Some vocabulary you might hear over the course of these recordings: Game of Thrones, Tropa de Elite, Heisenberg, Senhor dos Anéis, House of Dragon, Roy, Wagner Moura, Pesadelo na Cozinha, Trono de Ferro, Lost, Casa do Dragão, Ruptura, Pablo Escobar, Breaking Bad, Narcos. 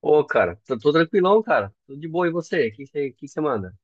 Ô, cara, tô tranquilão, cara. Tudo de boa. E você? O que você manda?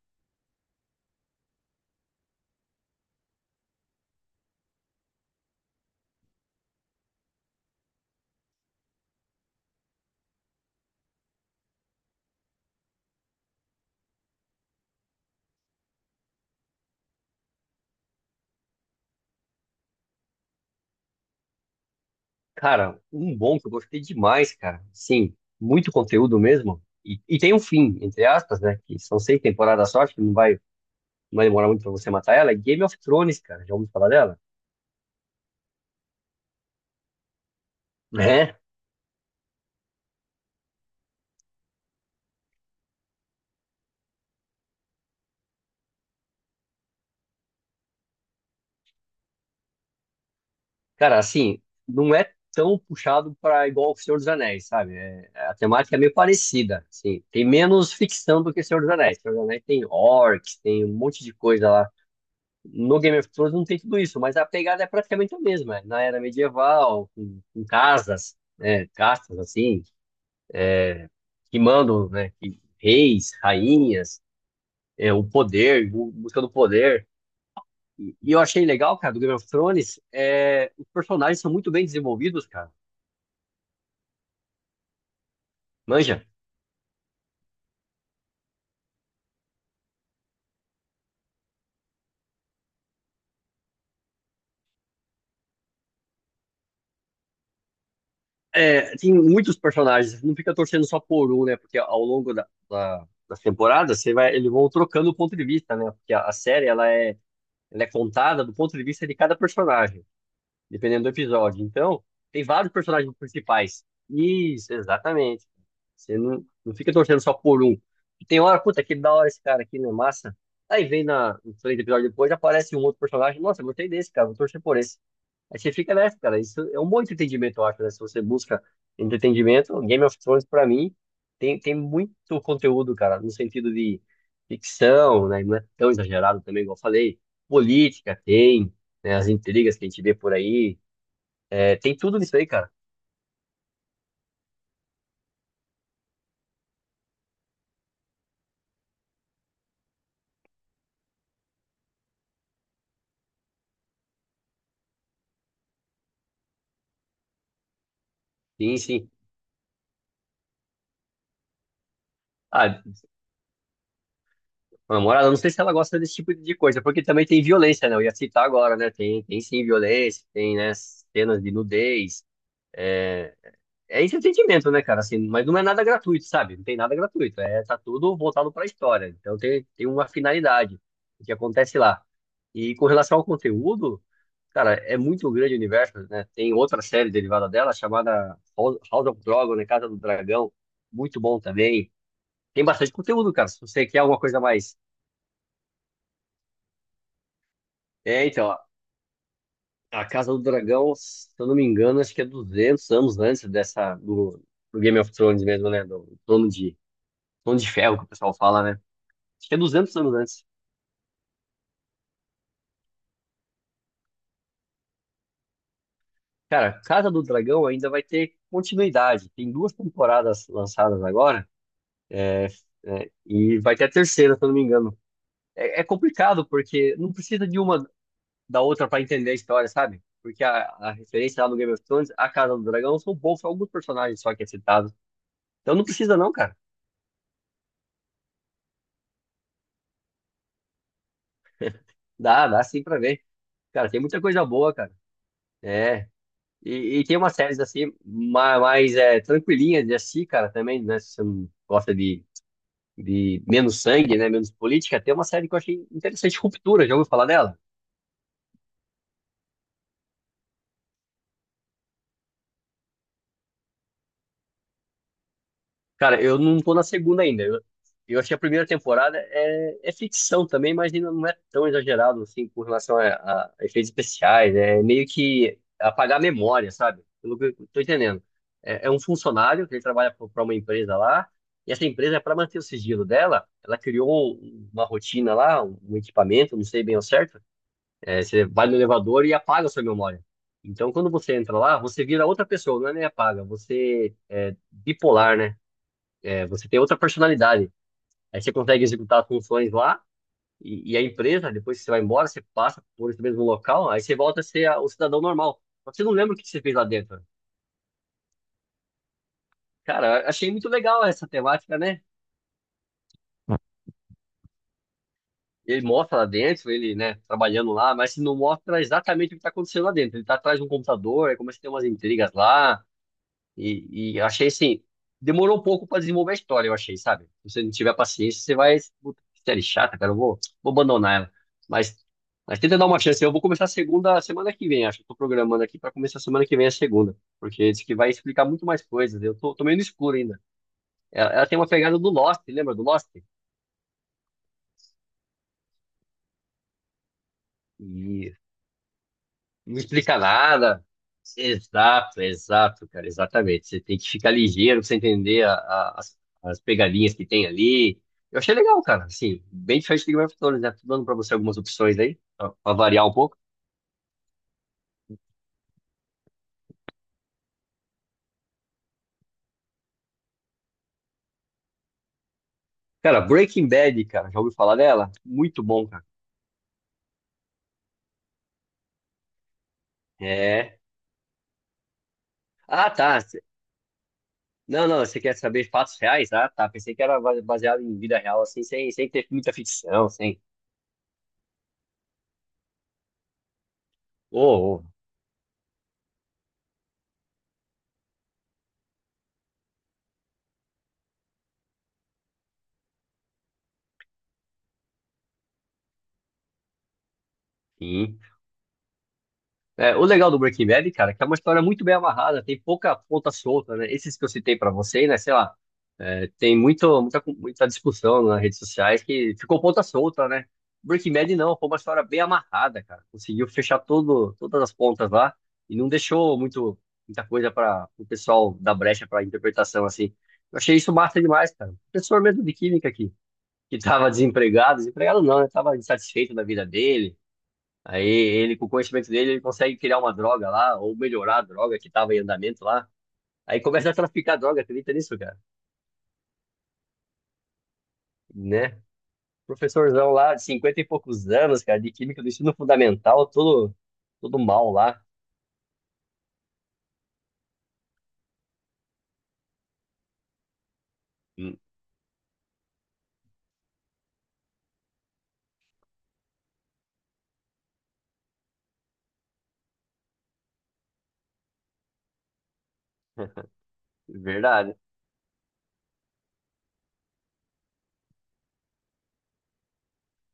Cara, um bom que eu gostei demais, cara. Sim, muito conteúdo mesmo. E tem um fim, entre aspas, né? Que são seis temporadas só, acho que não vai demorar muito pra você matar ela. É Game of Thrones, cara. Já ouviu falar dela? É. Cara, assim, não é tão puxado pra igual o Senhor dos Anéis, sabe? A temática é meio parecida, assim. Tem menos ficção do que Senhor dos Anéis. Senhor dos Anéis tem orcs, tem um monte de coisa lá. No Game of Thrones não tem tudo isso, mas a pegada é praticamente a mesma. Na era medieval, com casas, né, castas assim, que mandam, né, reis, rainhas, o poder, busca do poder. E eu achei legal, cara, do Game of Thrones, é, os personagens são muito bem desenvolvidos, cara. Manja, tem muitos personagens, não fica torcendo só por um, né? Porque ao longo das temporadas, você vai, eles vão trocando o ponto de vista, né? Porque a série, ela é contada do ponto de vista de cada personagem dependendo do episódio. Então, tem vários personagens principais. Isso, exatamente. Você não fica torcendo só por um. E tem hora, puta, que da hora esse cara aqui, não é massa? Aí vem no três episódios depois, aparece um outro personagem. Nossa, eu gostei desse, cara, vou torcer por esse. Aí você fica nessa, cara. Isso é um bom entretenimento, eu acho, né? Se você busca entretenimento, Game of Thrones, pra mim, tem muito conteúdo, cara, no sentido de ficção, né? Não é tão exagerado também, igual eu falei. Política tem, né? As intrigas que a gente vê por aí é, tem tudo isso aí, cara. Sim, sim. Ah, a namorada, não sei se ela gosta desse tipo de coisa, porque também tem violência, né? Eu ia citar agora, né? Tem sim violência, tem, né, cenas de nudez. É, é entretenimento, né, cara? Assim, mas não é nada gratuito, sabe? Não tem nada gratuito. É, tá tudo voltado pra história. Então tem uma finalidade o que acontece lá. E com relação ao conteúdo, cara, é muito grande o universo, né? Tem outra série derivada dela chamada House of Dragon, né? Casa do Dragão. Muito bom também. Tem bastante conteúdo, cara, se você quer alguma coisa a mais. É, então, ó, a Casa do Dragão, se eu não me engano, acho que é 200 anos antes dessa, do Game of Thrones mesmo, né? Do Trono de Ferro, que o pessoal fala, né? Acho que é duzentos anos antes. Cara, Casa do Dragão ainda vai ter continuidade. Tem duas temporadas lançadas agora, né? E vai ter a terceira, se eu não me engano. É, é complicado, porque não precisa de uma da outra para entender a história, sabe? Porque a referência lá no Game of Thrones, a Casa do Dragão, são poucos, alguns personagens só que é citado. Então não precisa não, cara. Dá sim pra ver. Cara, tem muita coisa boa, cara. É. E tem umas séries assim, mais, é, tranquilinhas de assistir, cara, também, né? Se você não gosta de, menos sangue, né? Menos política, tem uma série que eu achei interessante, Ruptura, já ouviu falar dela? Cara, eu não tô na segunda ainda. Eu achei a primeira temporada é, é ficção também, mas ainda não é tão exagerado assim com relação a efeitos especiais. É meio que apagar a memória, sabe? Pelo que eu tô entendendo. É, é um funcionário que ele trabalha para uma empresa lá, e essa empresa, para manter o sigilo dela, ela criou uma rotina lá, um equipamento, não sei bem ao certo. É, você vai no elevador e apaga a sua memória. Então, quando você entra lá, você vira outra pessoa, não é nem apaga, você bipolar, né? É, você tem outra personalidade. Aí você consegue executar as funções lá e a empresa, depois que você vai embora, você passa por esse mesmo local, aí você volta a ser o cidadão normal. Só que você não lembra o que você fez lá dentro. Cara, achei muito legal essa temática, né? Ele mostra lá dentro, ele, né, trabalhando lá, mas não mostra exatamente o que está acontecendo lá dentro. Ele tá atrás de um computador, aí começa a ter umas intrigas lá. E eu achei assim, demorou um pouco pra desenvolver a história, eu achei, sabe? Se você não tiver paciência, você vai. Puta, que série chata, cara, eu vou, abandonar ela. Mas, mas tenta dar uma chance. Eu vou começar a segunda semana que vem, acho que eu tô programando aqui pra começar semana que vem a segunda. Porque diz que vai explicar muito mais coisas. Eu tô meio no escuro ainda. Ela tem uma pegada do Lost, lembra do Lost? E não explica nada. Exato, exato, cara, exatamente. Você tem que ficar ligeiro pra você entender as pegadinhas que tem ali. Eu achei legal, cara, assim, bem diferente do Game of Thrones, né? Tô dando pra você algumas opções aí, pra, variar um pouco. Cara, Breaking Bad, cara, já ouviu falar dela? Muito bom, cara. É. Ah, tá. Não, não, você quer saber fatos reais? Ah, tá. Pensei que era baseado em vida real, assim, sem ter muita ficção, sem. Ô, sim. É, o legal do Breaking Bad, cara, é que é uma história muito bem amarrada, tem pouca ponta solta, né? Esses que eu citei pra você, né? Sei lá, é, tem muita discussão nas redes sociais que ficou ponta solta, né? Breaking Bad não, foi uma história bem amarrada, cara. Conseguiu fechar todas as pontas lá e não deixou muita coisa para o pessoal dar brecha para interpretação, assim. Eu achei isso massa demais, cara. Professor mesmo de química aqui, que tava desempregado, desempregado não, né? Tava insatisfeito da vida dele. Aí ele, com o conhecimento dele, ele consegue criar uma droga lá, ou melhorar a droga que estava em andamento lá. Aí começa a traficar droga, acredita nisso, cara? Né? Professorzão lá, de 50 e poucos anos, cara, de química do ensino fundamental, todo, mal lá. Hum. Verdade.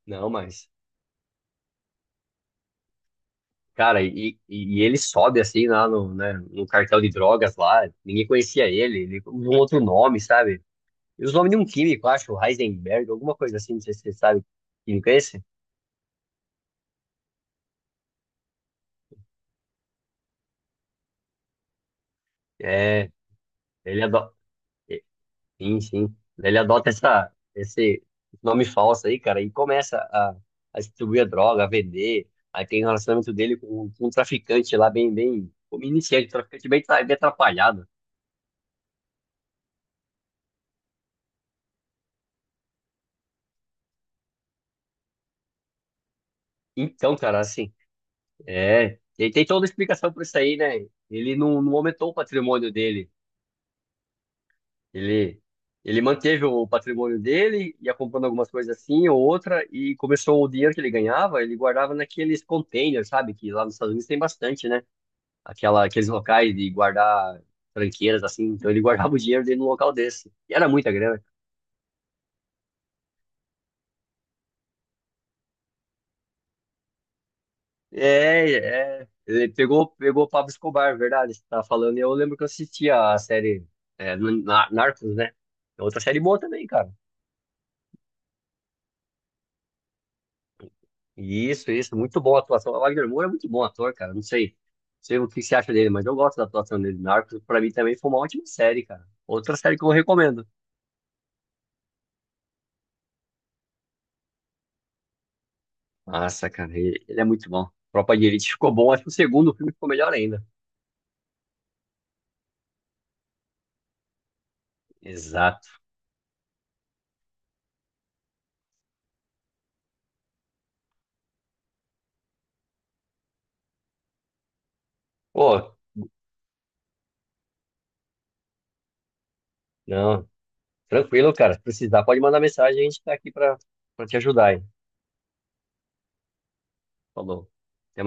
Não, mas, cara, e, e ele sobe assim lá no, né, no cartel de drogas lá, ninguém conhecia ele, ele usa um outro nome, sabe? E os nomes de um químico, acho, Heisenberg, alguma coisa assim, não sei se você sabe que químico é esse. É, ele adora. Sim, sim. Ele adota esse nome falso aí, cara, e começa a, distribuir a droga, a vender. Aí tem o relacionamento dele com um traficante lá, bem, bem, como iniciante, um traficante bem, bem atrapalhado. Então, cara, assim, é. Ele tem toda a explicação pra isso aí, né? Ele não, aumentou o patrimônio dele. Ele, ele manteve o patrimônio dele, ia comprando algumas coisas assim ou outra, e começou o dinheiro que ele ganhava, ele guardava naqueles containers, sabe? Que lá nos Estados Unidos tem bastante, né? Aqueles locais de guardar tranqueiras, assim. Então ele guardava o dinheiro dele num local desse. E era muita grana. É, é. Ele pegou, o Pablo Escobar, verdade, você tá falando. E eu lembro que eu assistia a série é, Narcos, né? É outra série boa também, cara. Isso, isso. Muito boa a atuação. O Wagner Moura é muito bom ator, cara. não sei, o que você acha dele, mas eu gosto da atuação dele. Narcos, pra mim, também foi uma ótima série, cara. Outra série que eu recomendo. Nossa, cara, ele é muito bom. Tropa de Elite ficou bom. Acho que o segundo filme ficou melhor ainda. Exato. Pô, não, tranquilo, cara. Se precisar, pode mandar mensagem, a gente tá aqui pra, te ajudar, hein? Falou. Até mais.